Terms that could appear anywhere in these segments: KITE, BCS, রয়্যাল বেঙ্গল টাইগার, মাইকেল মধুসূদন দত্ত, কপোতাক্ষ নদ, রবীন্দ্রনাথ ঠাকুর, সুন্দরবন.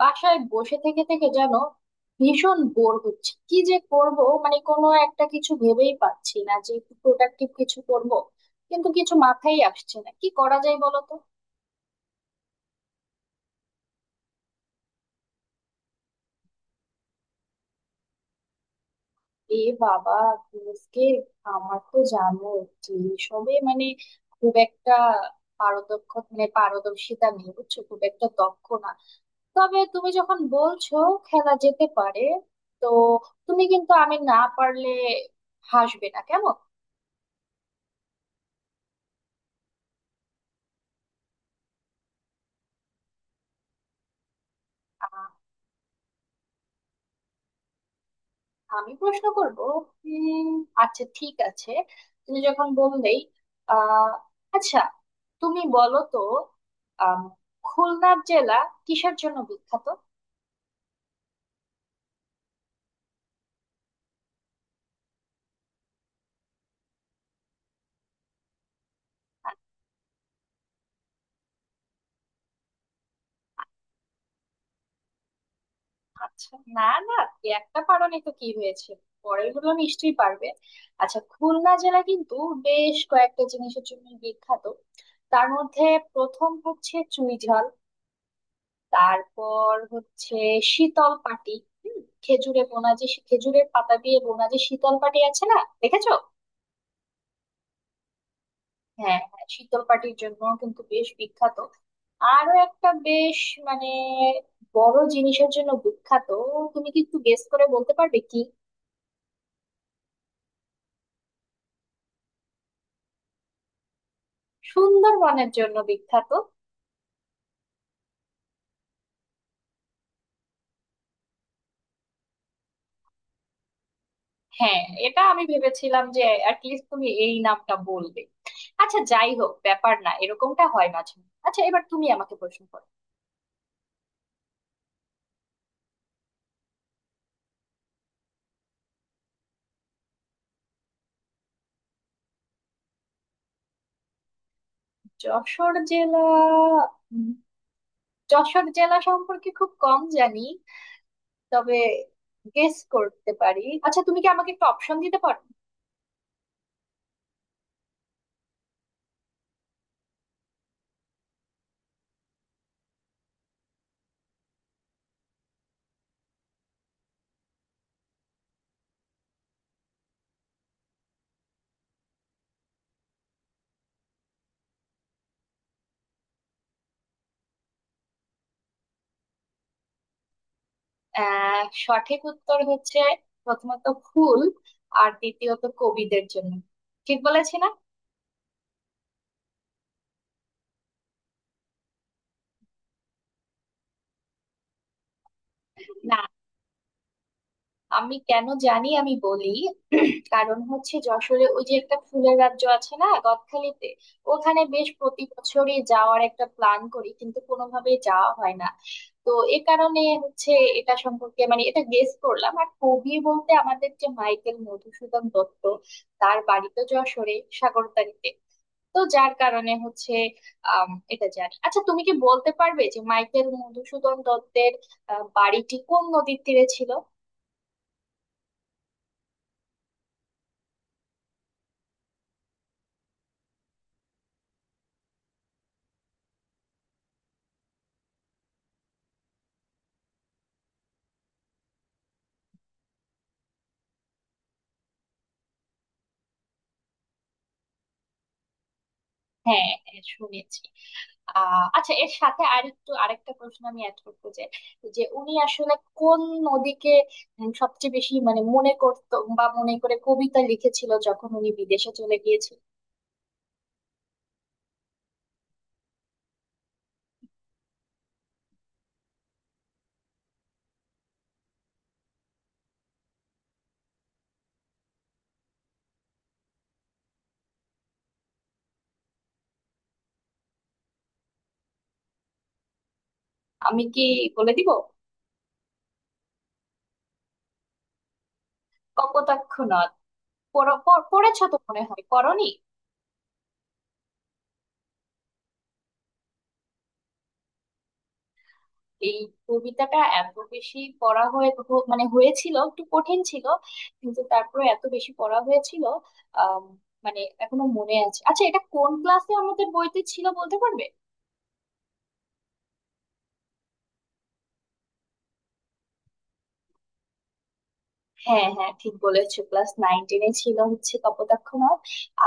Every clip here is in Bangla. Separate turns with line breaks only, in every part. বাসায় বসে থেকে থেকে যেন ভীষণ বোর হচ্ছে, কি যে করব। মানে, কোনো একটা কিছু ভেবেই পাচ্ছি না যে একটু প্রোডাক্টিভ কিছু করব, কিন্তু কিছু মাথায় আসছে না, কি করা যায় বলো তো? এ বাবা, আজকে আমার তো জানো যে সবে মানে খুব একটা পারদক্ষ, মানে পারদর্শিতা নেই, বুঝছো, খুব একটা দক্ষ না। তবে তুমি যখন বলছো, খেলা যেতে পারে। তো তুমি কিন্তু আমি না পারলে হাসবে না, কেমন? আমি প্রশ্ন করব। উম আচ্ছা ঠিক আছে, তুমি যখন বললেই। আহ আচ্ছা, তুমি বলো তো, আম, খুলনা জেলা কিসের জন্য বিখ্যাত? আ- আ- আচ্ছা, না, না, এই একটা কারণে তো কি হয়েছে, পরেরগুলো নিশ্চয়ই পারবে। আচ্ছা, খুলনা জেলা কিন্তু বেশ কয়েকটা জিনিসের জন্য বিখ্যাত। তার মধ্যে প্রথম হচ্ছে চুই ঝাল, তারপর হচ্ছে শীতল পাটি। হুম, খেজুরে বোনা, যে খেজুরের পাতা দিয়ে বোনা যে শীতল পাটি আছে না, দেখেছো? হ্যাঁ হ্যাঁ, শীতল পাটির জন্য কিন্তু বেশ বিখ্যাত। আরো একটা বেশ মানে বড় জিনিসের জন্য বিখ্যাত, তুমি কি একটু গেস করে বলতে পারবে কি? সুন্দরবনের জন্য বিখ্যাত। হ্যাঁ, এটা আমি ভেবেছিলাম যে অ্যাটলিস্ট তুমি এই নামটা বলবে। আচ্ছা, যাই হোক, ব্যাপার না, এরকমটা হয় মাঝে মাঝে। আচ্ছা, এবার তুমি আমাকে প্রশ্ন করো। যশোর জেলা, উম, যশোর জেলা সম্পর্কে খুব কম জানি, তবে গেস করতে পারি। আচ্ছা তুমি কি আমাকে একটা অপশন দিতে পারো? সঠিক উত্তর হচ্ছে, প্রথমত ফুল, আর দ্বিতীয়ত কবিদের জন্য। ঠিক বলেছি না? না, আমি কেন জানি, আমি বলি, কারণ হচ্ছে যশোরে ওই যে একটা ফুলের রাজ্য আছে না গদখালিতে, ওখানে বেশ প্রতি বছরই যাওয়ার একটা প্ল্যান করি কিন্তু কোনোভাবেই যাওয়া হয় না। তো এ কারণে হচ্ছে এটা সম্পর্কে, মানে এটা গেস করলাম। আর কবি বলতে আমাদের যে মাইকেল মধুসূদন দত্ত, তার বাড়ি তো যশোরে, সাগরতারিতে। তো যার কারণে হচ্ছে, এটা জানি। আচ্ছা তুমি কি বলতে পারবে যে মাইকেল মধুসূদন দত্তের বাড়িটি কোন নদীর তীরে ছিল? হ্যাঁ হ্যাঁ, শুনেছি। আচ্ছা, এর সাথে আরেকটু আরেকটা প্রশ্ন আমি অ্যাড করবো, যে যে উনি আসলে কোন নদীকে সবচেয়ে বেশি, মানে মনে করতো বা মনে করে কবিতা লিখেছিল যখন উনি বিদেশে চলে গিয়েছিল। আমি কি বলে দিব? কপোতাক্ষ নদ। পড়- পড়- পড়েছো তো, মনে হয় পড়নি। এই কবিতাটা এত বেশি পড়া মানে হয়েছিল, একটু কঠিন ছিল, কিন্তু তারপরে এত বেশি পড়া হয়েছিল, আম, মানে এখনো মনে আছে। আচ্ছা এটা কোন ক্লাসে আমাদের বইতে ছিল বলতে পারবে? হ্যাঁ হ্যাঁ, ঠিক বলেছো, ক্লাস নাইন টেনে ছিল হচ্ছে কপোতাক্ষ নদ।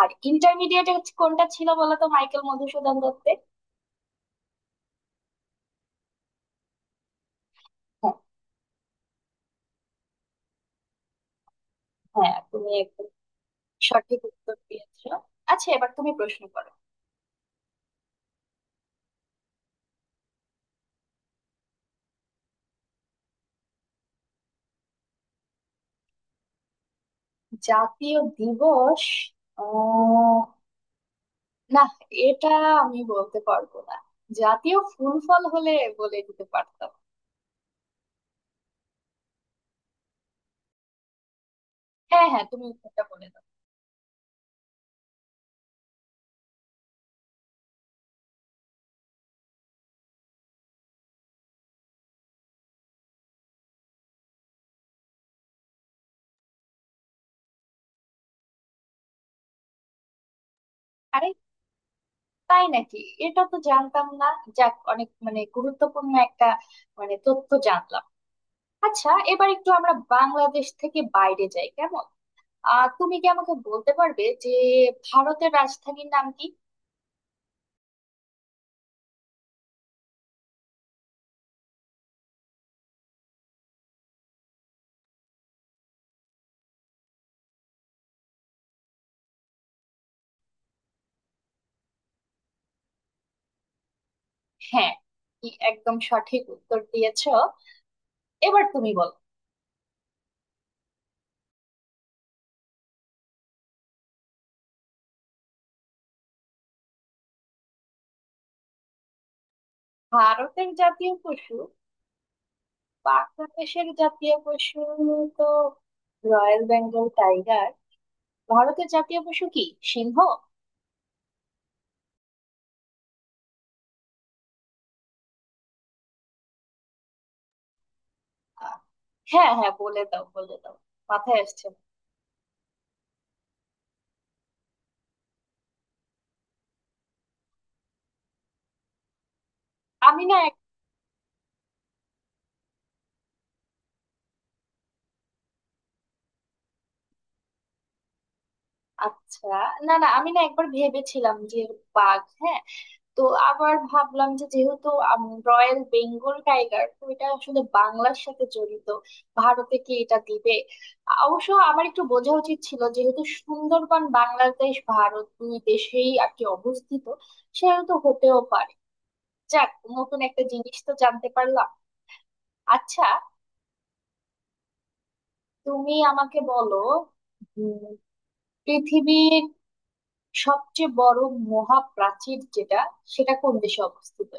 আর ইন্টারমিডিয়েটে কোনটা ছিল বলো তো মাইকেল মধুসূদন দত্তের? হ্যাঁ হ্যাঁ, তুমি একদম সঠিক উত্তর দিয়েছো। আচ্ছা, এবার তুমি প্রশ্ন করো। জাতীয় দিবস? না, এটা আমি বলতে পারবো না। জাতীয় ফুল ফল হলে বলে দিতে পারতাম। হ্যাঁ হ্যাঁ, তুমি উত্তরটা বলে দাও। আরে, তাই নাকি? এটা তো জানতাম না। যাক, অনেক মানে গুরুত্বপূর্ণ একটা মানে তথ্য জানলাম। আচ্ছা, এবার একটু আমরা বাংলাদেশ থেকে বাইরে যাই, কেমন? তুমি কি আমাকে বলতে পারবে যে ভারতের রাজধানীর নাম কি? হ্যাঁ, কি একদম সঠিক উত্তর দিয়েছো। এবার তুমি বলো। ভারতের জাতীয় পশু, বাংলাদেশের জাতীয় পশু তো রয়্যাল বেঙ্গল টাইগার, ভারতের জাতীয় পশু কি সিংহ? আহ, হ্যাঁ হ্যাঁ, বলে দাও, বলে দাও, মাথায় আসছে না। আমি না এক- আচ্ছা, না না, আমি না একবার ভেবেছিলাম যে বাঘ, হ্যাঁ। তো আবার ভাবলাম যে যেহেতু রয়্যাল বেঙ্গল টাইগার, তো এটা আসলে বাংলার সাথে জড়িত, ভারতে কি এটা দিবে? অবশ্য আমার একটু বোঝা উচিত ছিল, যেহেতু সুন্দরবন বাংলাদেশ ভারত দুই দেশেই আর কি অবস্থিত, সেহেতু হতেও পারে। যাক, নতুন একটা জিনিস তো জানতে পারলাম। আচ্ছা, তুমি আমাকে বলো, উম, পৃথিবীর সবচেয়ে বড় মহাপ্রাচীর যেটা, সেটা কোন দেশে অবস্থিত?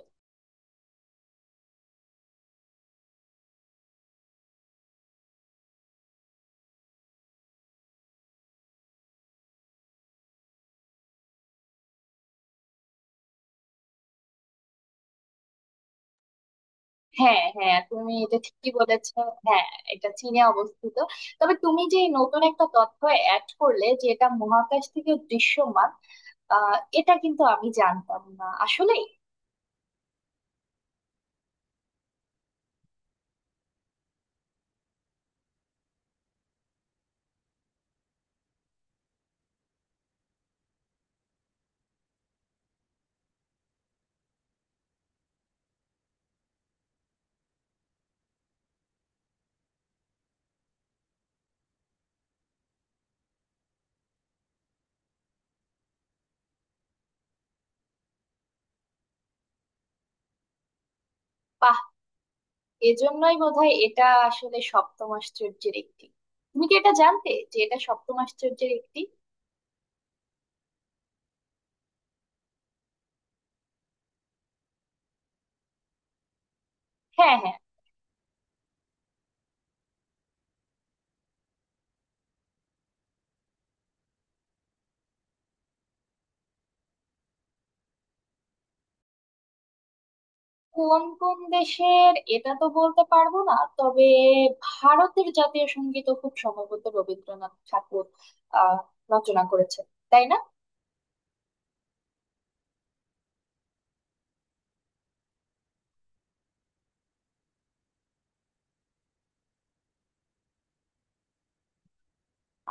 হ্যাঁ হ্যাঁ, তুমি এটা ঠিকই বলেছো। হ্যাঁ, এটা চীনে অবস্থিত। তবে তুমি যে নতুন একটা তথ্য অ্যাড করলে, যে এটা মহাকাশ থেকে দৃশ্যমান, এটা কিন্তু আমি জানতাম না আসলে। বাহ, এজন্যই বোধহয় এটা আসলে সপ্তম আশ্চর্যের একটি। তুমি কি এটা জানতে যে এটা সপ্তম আশ্চর্যের একটি? হ্যাঁ হ্যাঁ। কোন কোন দেশের এটা তো বলতে পারবো না, তবে ভারতের জাতীয় সঙ্গীত খুব সম্ভবত রবীন্দ্রনাথ ঠাকুর আহ রচনা করেছেন, তাই না?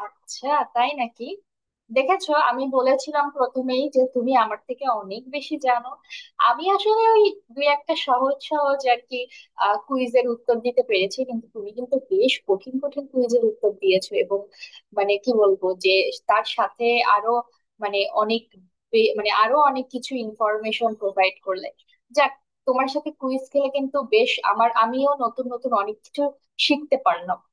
আচ্ছা, তাই নাকি? দেখেছো, আমি বলেছিলাম প্রথমেই যে তুমি আমার থেকে অনেক বেশি জানো। আমি আসলে ওই দুই একটা সহজ সহজ আর কি কুইজের উত্তর দিতে পেরেছি, কিন্তু তুমি কিন্তু বেশ কঠিন কঠিন কুইজের উত্তর দিয়েছো। এবং মানে কি বলবো যে তার সাথে আরো মানে অনেক মানে আরো অনেক কিছু ইনফরমেশন প্রোভাইড করলে। যাক, তোমার সাথে কুইজ খেলে কিন্তু বেশ আমার আমিও নতুন নতুন অনেক কিছু শিখতে পারলাম।